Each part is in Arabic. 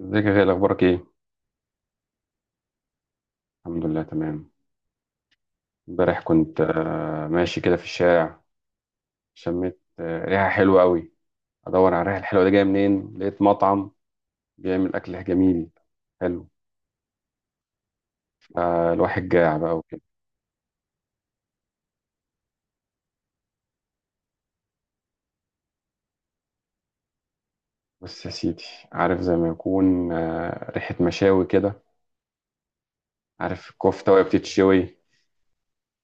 ازيك يا غالي؟ اخبارك ايه؟ الحمد لله، تمام. امبارح كنت ماشي كده في الشارع. شميت ريحه حلوه قوي. ادور على الريحه الحلوه دي جايه منين، لقيت مطعم بيعمل اكل جميل. حلو. فالواحد جاع بقى وكده. بص يا سيدي، عارف زي ما يكون ريحه مشاوي كده. عارف الكفته وهي بتتشوي،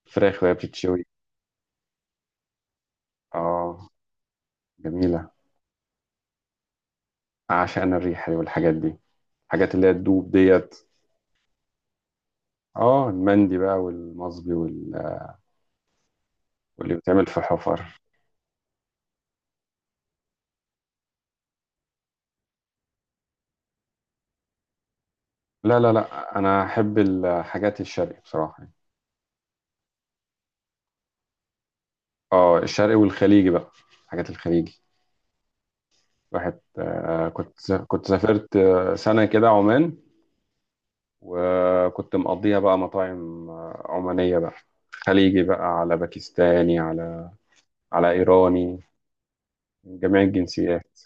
فراخ وهي بتتشوي. اه، جميله. اعشق انا الريحه دي والحاجات دي، الحاجات اللي هي تدوب ديت. اه، المندي بقى والمصبي واللي بيتعمل في حفر. لا لا لا، انا احب الحاجات الشرقي بصراحه يعني. اه الشرقي والخليجي بقى، الحاجات الخليجي. واحد آه كنت كنت سافرت سنه كده عمان. وكنت مقضيها بقى مطاعم عمانيه بقى، خليجي بقى، على باكستاني، على ايراني، من جميع الجنسيات.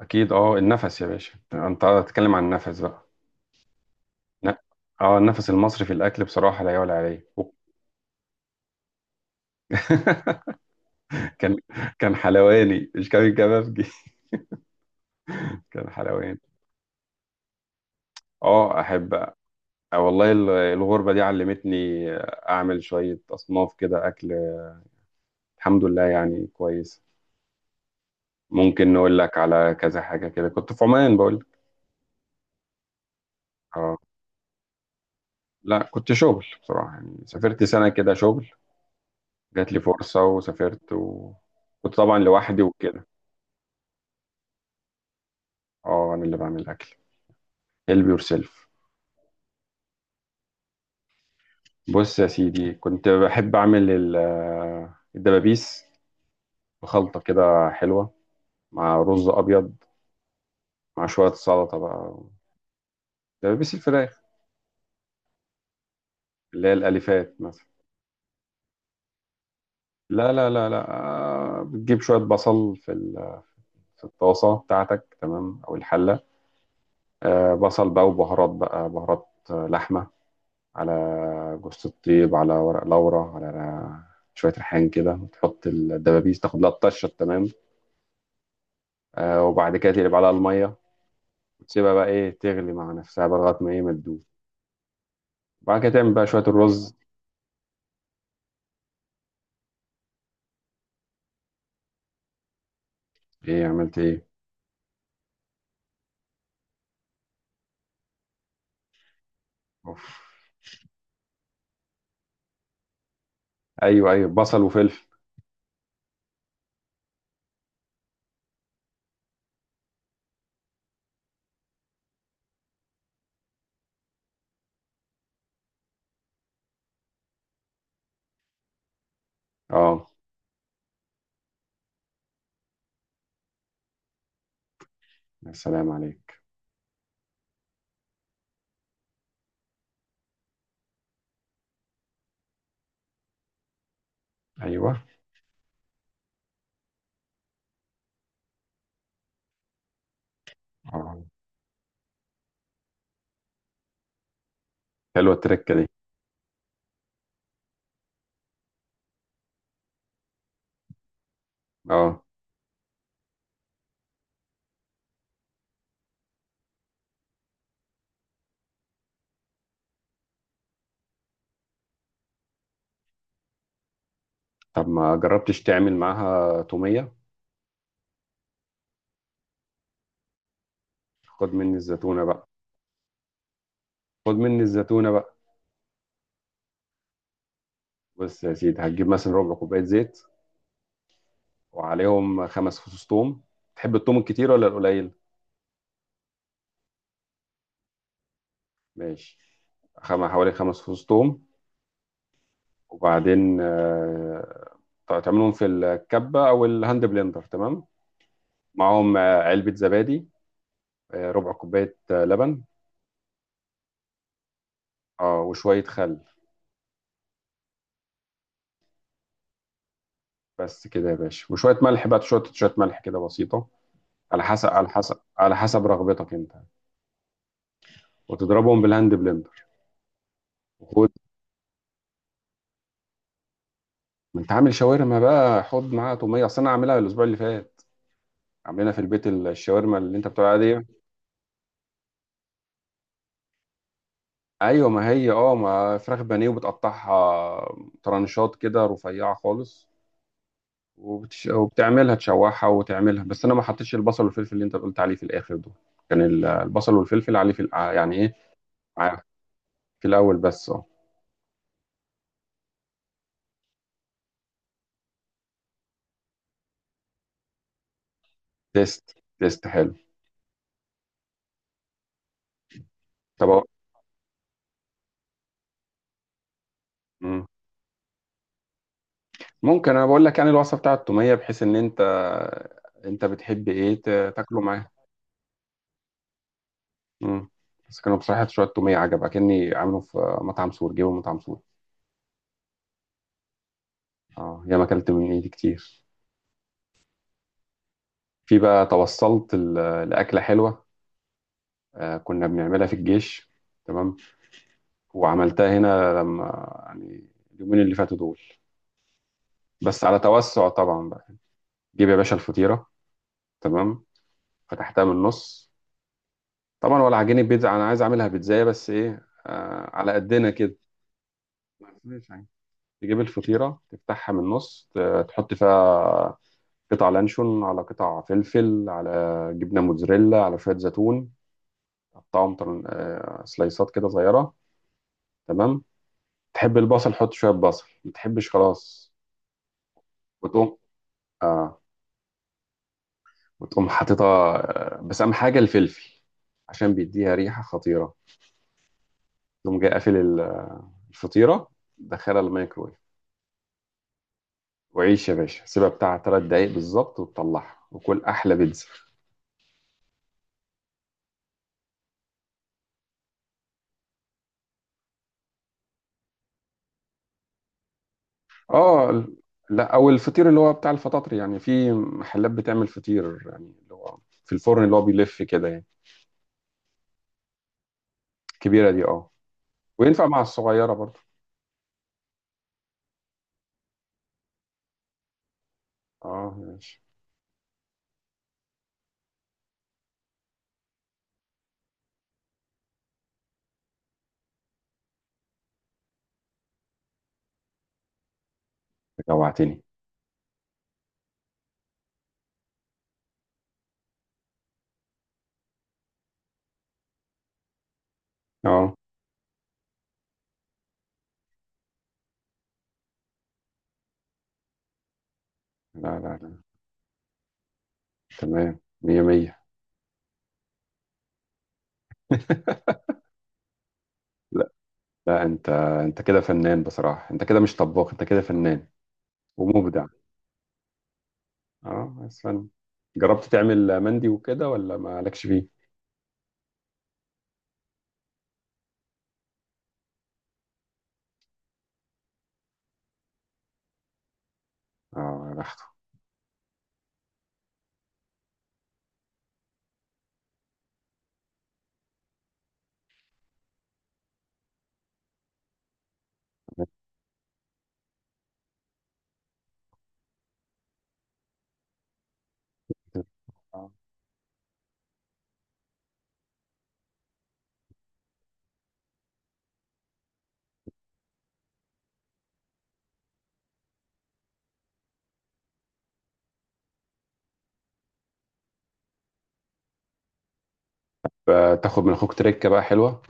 اكيد، اه النفس يا باشا، انت هتتكلم عن النفس بقى. لا. اه النفس المصري في الاكل بصراحه لا يعلى عليه. كان كان حلواني، مش كان كبابجي. كان حلواني. اه احب. والله الغربة دي علمتني، اعمل شوية اصناف كده اكل. الحمد لله يعني كويس. ممكن نقول لك على كذا حاجة كده، كنت في عمان بقول لك. اه لا، كنت شغل بصراحة يعني، سافرت سنة كده شغل. جات لي فرصة وسافرت، وكنت طبعا لوحدي وكده. اه، انا اللي بعمل الاكل. هيلب يور سيلف. بص يا سيدي، كنت بحب اعمل الدبابيس، بخلطة كده حلوة، مع رز ابيض، مع شوية سلطة بقى، دبابيس الفراخ اللي هي الاليفات مثلا. لا لا لا لا. بتجيب شويه بصل في في الطاسه بتاعتك، تمام، او الحله. بصل بقى، وبهارات بقى بهارات لحمه، على جوز الطيب، على ورق لورا، على شويه ريحان كده، وتحط الدبابيس تاخد لها الطشه، تمام. وبعد كده تقلب عليها الميه، وتسيبها بقى ايه تغلي مع نفسها بقى لغايه ما ايه ما تدوب. وبعد كده تعمل بقى شويه الرز. ايه عملت ايه؟ اوف. ايوه ايوه، بصل وفلفل. اه يا سلام عليك. ايوه. آه. حلوة التركة دي. اه طب ما جربتش تعمل معاها تومية؟ خد مني الزيتونة بقى. خد مني الزيتونة بقى. بص يا سيدي، هتجيب مثلا ربع كوباية زيت، وعليهم 5 فصوص توم. تحب التوم الكتير ولا القليل؟ ماشي. حوالي 5 فصوص توم. وبعدين تعملهم في الكبة أو الهاند بلندر، تمام. معاهم علبة زبادي، ربع كوباية لبن. اه وشوية خل. بس كده يا باشا، وشوية ملح بقى، شوية شوية ملح كده بسيطة. على حسب، على حسب، على حسب رغبتك انت. وتضربهم بالهاند بلندر. وخد. ما انت عامل شاورما بقى، حط معاها توميه. اصل انا عاملها الاسبوع اللي فات، عاملينها في البيت الشاورما اللي انت بتقول عليها دي. ايوه، ما هي اه ما فراخ بانيه وبتقطعها ترانشات كده رفيعه خالص. وبتعملها تشوحها وتعملها، بس انا ما حطيتش البصل والفلفل اللي انت قلت عليه في الاخر دول. كان البصل والفلفل عليه في يعني ايه. ع- في الاول بس، اه. تيست تيست، حلو. طب مم. ممكن انا بقول لك يعني الوصفه بتاعه التوميه، بحيث ان انت بتحب ايه تاكله معاه. مم. بس كانوا بصراحه شويه توميه عجبك، كاني عامله في مطعم سور. جيبه من مطعم سور. اه ياما اكلت من ايدي كتير. في بقى توصلت لاكله حلوه. كنا بنعملها في الجيش، تمام. وعملتها هنا لما يعني اليومين اللي فاتوا دول، بس على توسع طبعا بقى. جيب يا باشا الفطيره، تمام، فتحتها من النص. طبعا ولا عجينه بيتزا، انا عايز اعملها بيتزايه، بس ايه، على قدنا كده. ما فيهاش حاجة. تجيب الفطيرة، تفتحها من النص، تحط فيها قطع لانشون، على قطع فلفل، على جبنة موتزاريلا، على شوية زيتون، تقطعهم سلايسات كده صغيرة، تمام. تحب البصل حط شوية بصل، ما تحبش خلاص. وتقوم آه وتقوم حاططها، بس أهم حاجة الفلفل عشان بيديها ريحة خطيرة. تقوم جاي قافل الفطيرة، دخلها الميكرويف، وعيش يا باشا، سيبها بتاع 3 دقايق بالظبط، وتطلعها وكل أحلى بيتزا. اه لا او الفطير اللي هو بتاع الفطاطري يعني، في محلات بتعمل فطير يعني، اللي هو في الفرن اللي هو بيلف كده يعني. الكبيره دي اه. وينفع مع الصغيره برضه. اه ماشي، جوعتني. اه لا لا لا. تمام، مية مية. لا لا، انت كده فنان بصراحه، انت كده مش طباخ، انت كده فنان ومبدع. اه بس فن. جربت تعمل مندي وكده ولا مالكش فيه؟ اه يا بخته. آه. فتاخد من اخوك تركه بقى حلوه.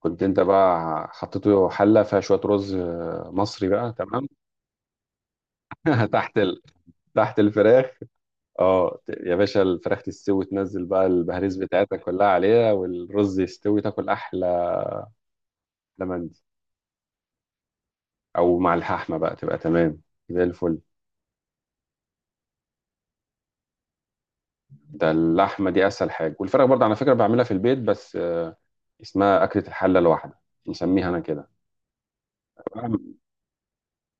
كنت انت بقى حطيته حله فيها شويه رز مصري بقى، تمام. تحت ال... تحت الفراخ. اه، يا باشا الفراخ تستوي، تنزل بقى البهاريز بتاعتك كلها عليها والرز يستوي، تاكل احلى. لمندي او مع اللحمه بقى، تبقى تمام، زي الفل. ده اللحمه دي اسهل حاجه. والفراخ برضه على فكره بعملها في البيت، بس اسمها اكله الحله الواحده، نسميها انا كده.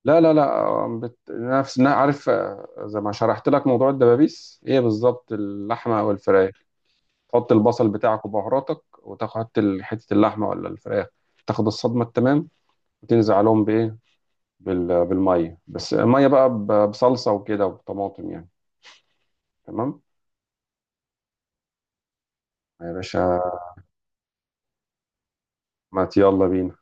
لا لا لا. نفس عارف زي ما شرحت لك موضوع الدبابيس، هي بالظبط اللحمه او الفراخ. تحط البصل بتاعك وبهاراتك، وتحط حتة اللحمة ولا الفراخ. تاخد الصدمة، التمام. وتنزل عليهم بإيه؟ بالمية، بس مية بقى بصلصة وكده وطماطم يعني. تمام يا باشا، ما يلا بينا.